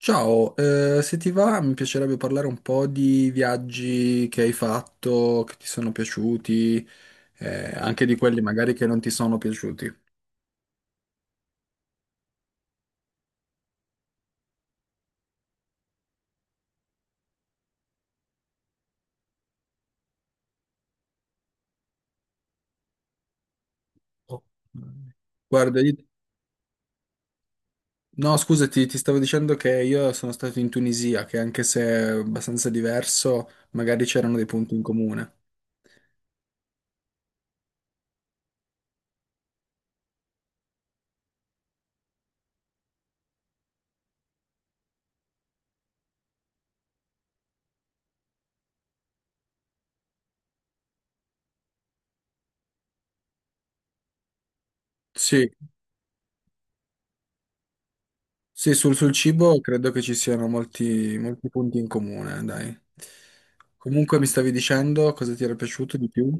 Ciao, se ti va mi piacerebbe parlare un po' di viaggi che hai fatto, che ti sono piaciuti, anche di quelli magari che non ti sono piaciuti. Oh. Guarda, no, scusati, ti stavo dicendo che io sono stato in Tunisia, che anche se è abbastanza diverso, magari c'erano dei punti in comune. Sì, sì, sul cibo credo che ci siano molti punti in comune, dai. Comunque mi stavi dicendo cosa ti era piaciuto di più?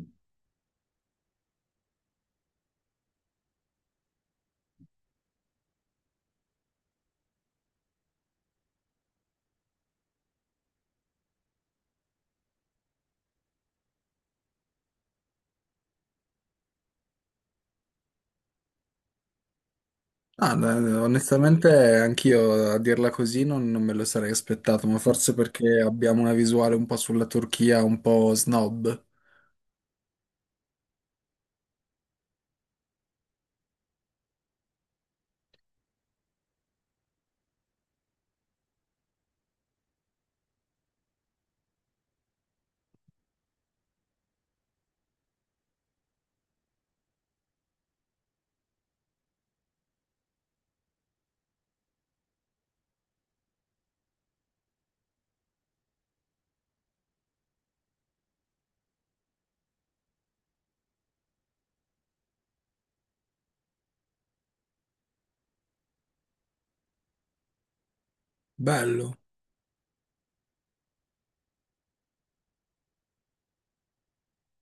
Ah, no, onestamente anch'io a dirla così non me lo sarei aspettato, ma forse perché abbiamo una visuale un po' sulla Turchia, un po' snob. Bello,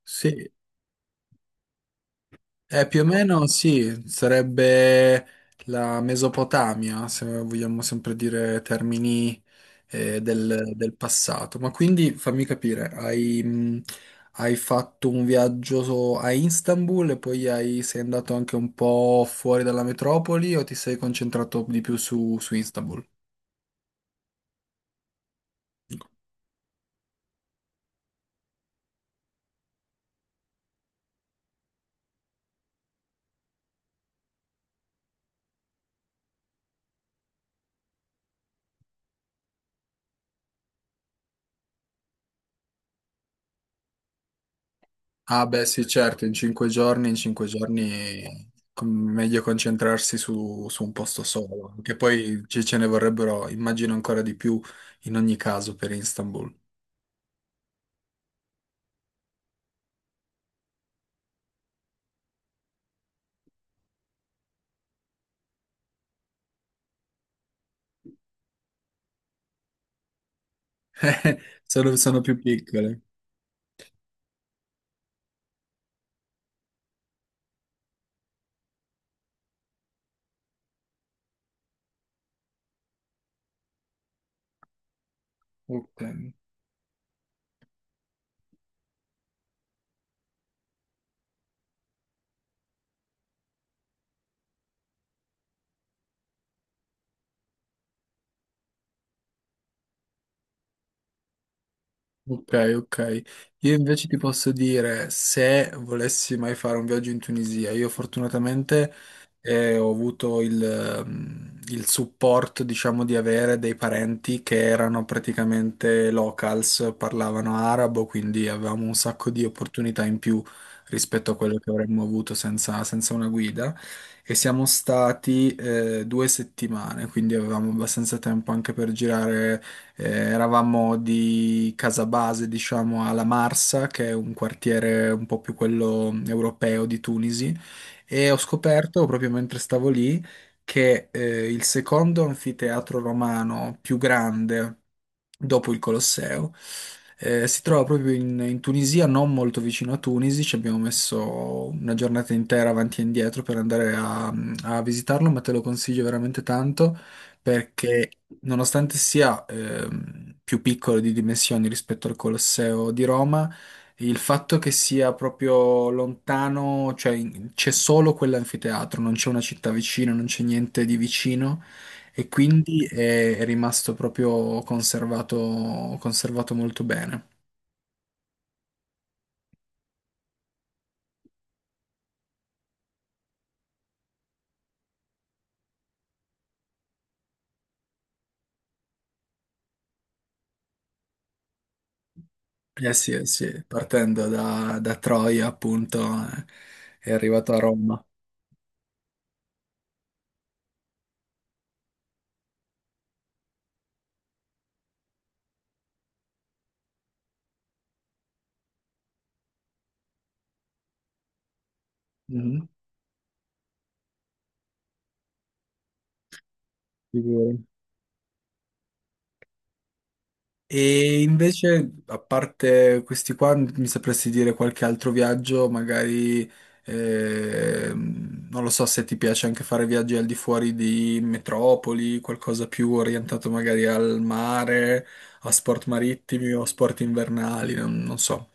sì. Più o meno sì, sarebbe la Mesopotamia, se vogliamo sempre dire termini del passato. Ma quindi fammi capire, hai fatto un viaggio a Istanbul e poi sei andato anche un po' fuori dalla metropoli o ti sei concentrato di più su Istanbul? Ah, beh, sì, certo, in cinque giorni meglio concentrarsi su un posto solo, che poi ce ne vorrebbero, immagino, ancora di più in ogni caso per Istanbul. Sono, sono più piccole. Ok. Ok, ok. Io invece ti posso dire, se volessi mai fare un viaggio in Tunisia, io fortunatamente ho avuto il supporto, diciamo, di avere dei parenti che erano praticamente locals, parlavano arabo, quindi avevamo un sacco di opportunità in più rispetto a quello che avremmo avuto senza, senza una guida. E siamo stati due settimane, quindi avevamo abbastanza tempo anche per girare eravamo di Casabase, diciamo, alla Marsa, che è un quartiere un po' più quello europeo di Tunisi, e ho scoperto proprio mentre stavo lì che il secondo anfiteatro romano più grande dopo il Colosseo. Si trova proprio in Tunisia, non molto vicino a Tunisi, ci abbiamo messo una giornata intera avanti e indietro per andare a, a visitarlo, ma te lo consiglio veramente tanto perché nonostante sia più piccolo di dimensioni rispetto al Colosseo di Roma, il fatto che sia proprio lontano, cioè c'è solo quell'anfiteatro, non c'è una città vicina, non c'è niente di vicino e quindi è rimasto proprio conservato molto bene. Sì, eh sì, partendo da Troia appunto, è arrivato a Roma. Mhm, figurati. E invece, a parte questi qua, mi sapresti dire qualche altro viaggio? Magari, non lo so se ti piace anche fare viaggi al di fuori di metropoli, qualcosa più orientato magari al mare, a sport marittimi o sport invernali, non so.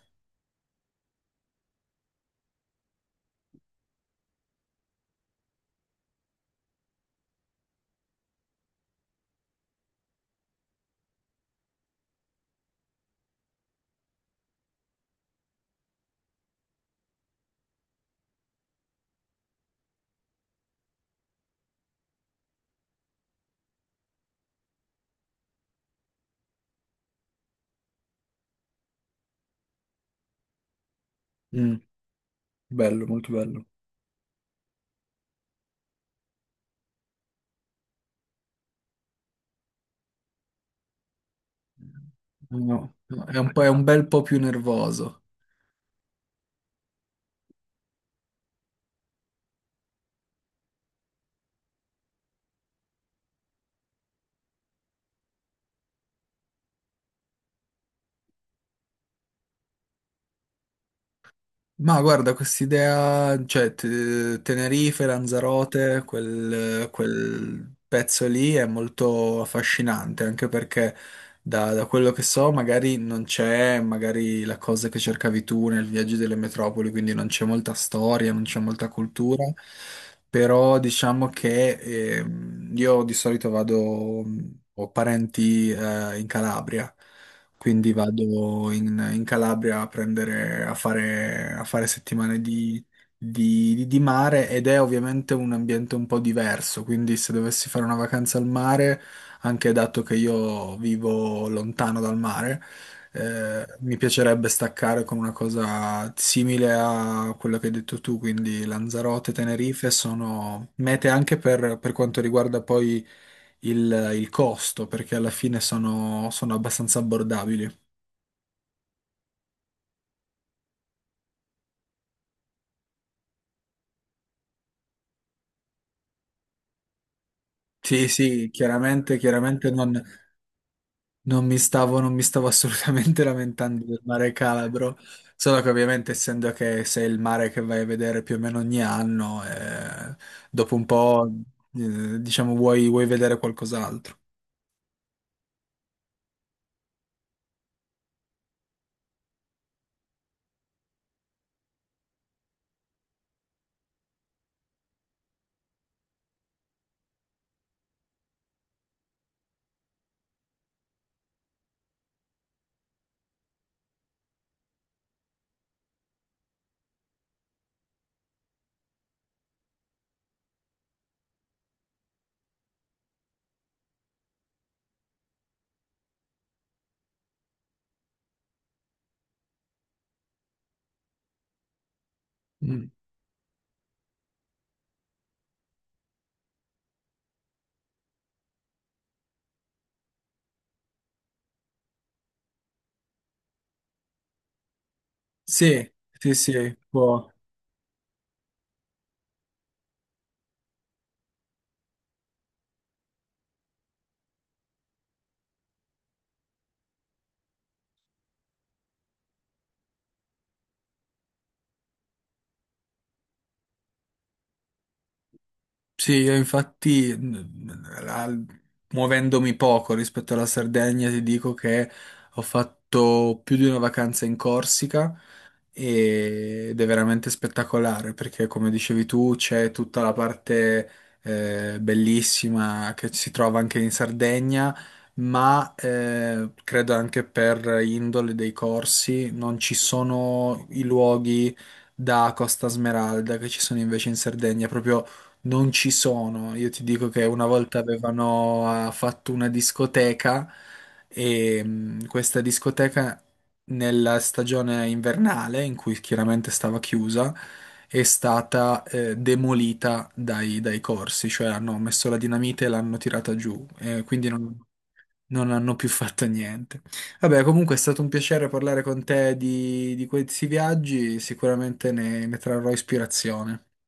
Mm, bello, molto bello. No, no, è un po', è un bel po' più nervoso. Ma guarda, quest'idea, cioè Tenerife, Lanzarote, quel pezzo lì è molto affascinante, anche perché da quello che so magari non c'è magari la cosa che cercavi tu nel viaggio delle metropoli, quindi non c'è molta storia, non c'è molta cultura, però diciamo che io di solito vado, ho parenti in Calabria. Quindi vado in Calabria a prendere, a fare settimane di mare ed è ovviamente un ambiente un po' diverso. Quindi se dovessi fare una vacanza al mare, anche dato che io vivo lontano dal mare, mi piacerebbe staccare con una cosa simile a quello che hai detto tu. Quindi Lanzarote, Tenerife sono mete anche per quanto riguarda poi il costo, perché alla fine sono, sono abbastanza abbordabili. Sì, sì, chiaramente, non mi stavo, non mi stavo assolutamente lamentando del mare Calabro, solo che ovviamente essendo che sei il mare che vai a vedere più o meno ogni anno, dopo un po', diciamo, vuoi vedere qualcos'altro. Mm. Sì, sì, sì, può. Sì, io infatti, muovendomi poco rispetto alla Sardegna, ti dico che ho fatto più di una vacanza in Corsica ed è veramente spettacolare perché, come dicevi tu, c'è tutta la parte bellissima che si trova anche in Sardegna, ma credo anche per indole dei corsi non ci sono i luoghi da Costa Smeralda che ci sono invece in Sardegna, proprio non ci sono, io ti dico che una volta avevano fatto una discoteca e questa discoteca nella stagione invernale, in cui chiaramente stava chiusa, è stata demolita dai corsi, cioè hanno messo la dinamite e l'hanno tirata giù, quindi non hanno più fatto niente. Vabbè, comunque è stato un piacere parlare con te di questi viaggi, sicuramente ne trarrò ispirazione.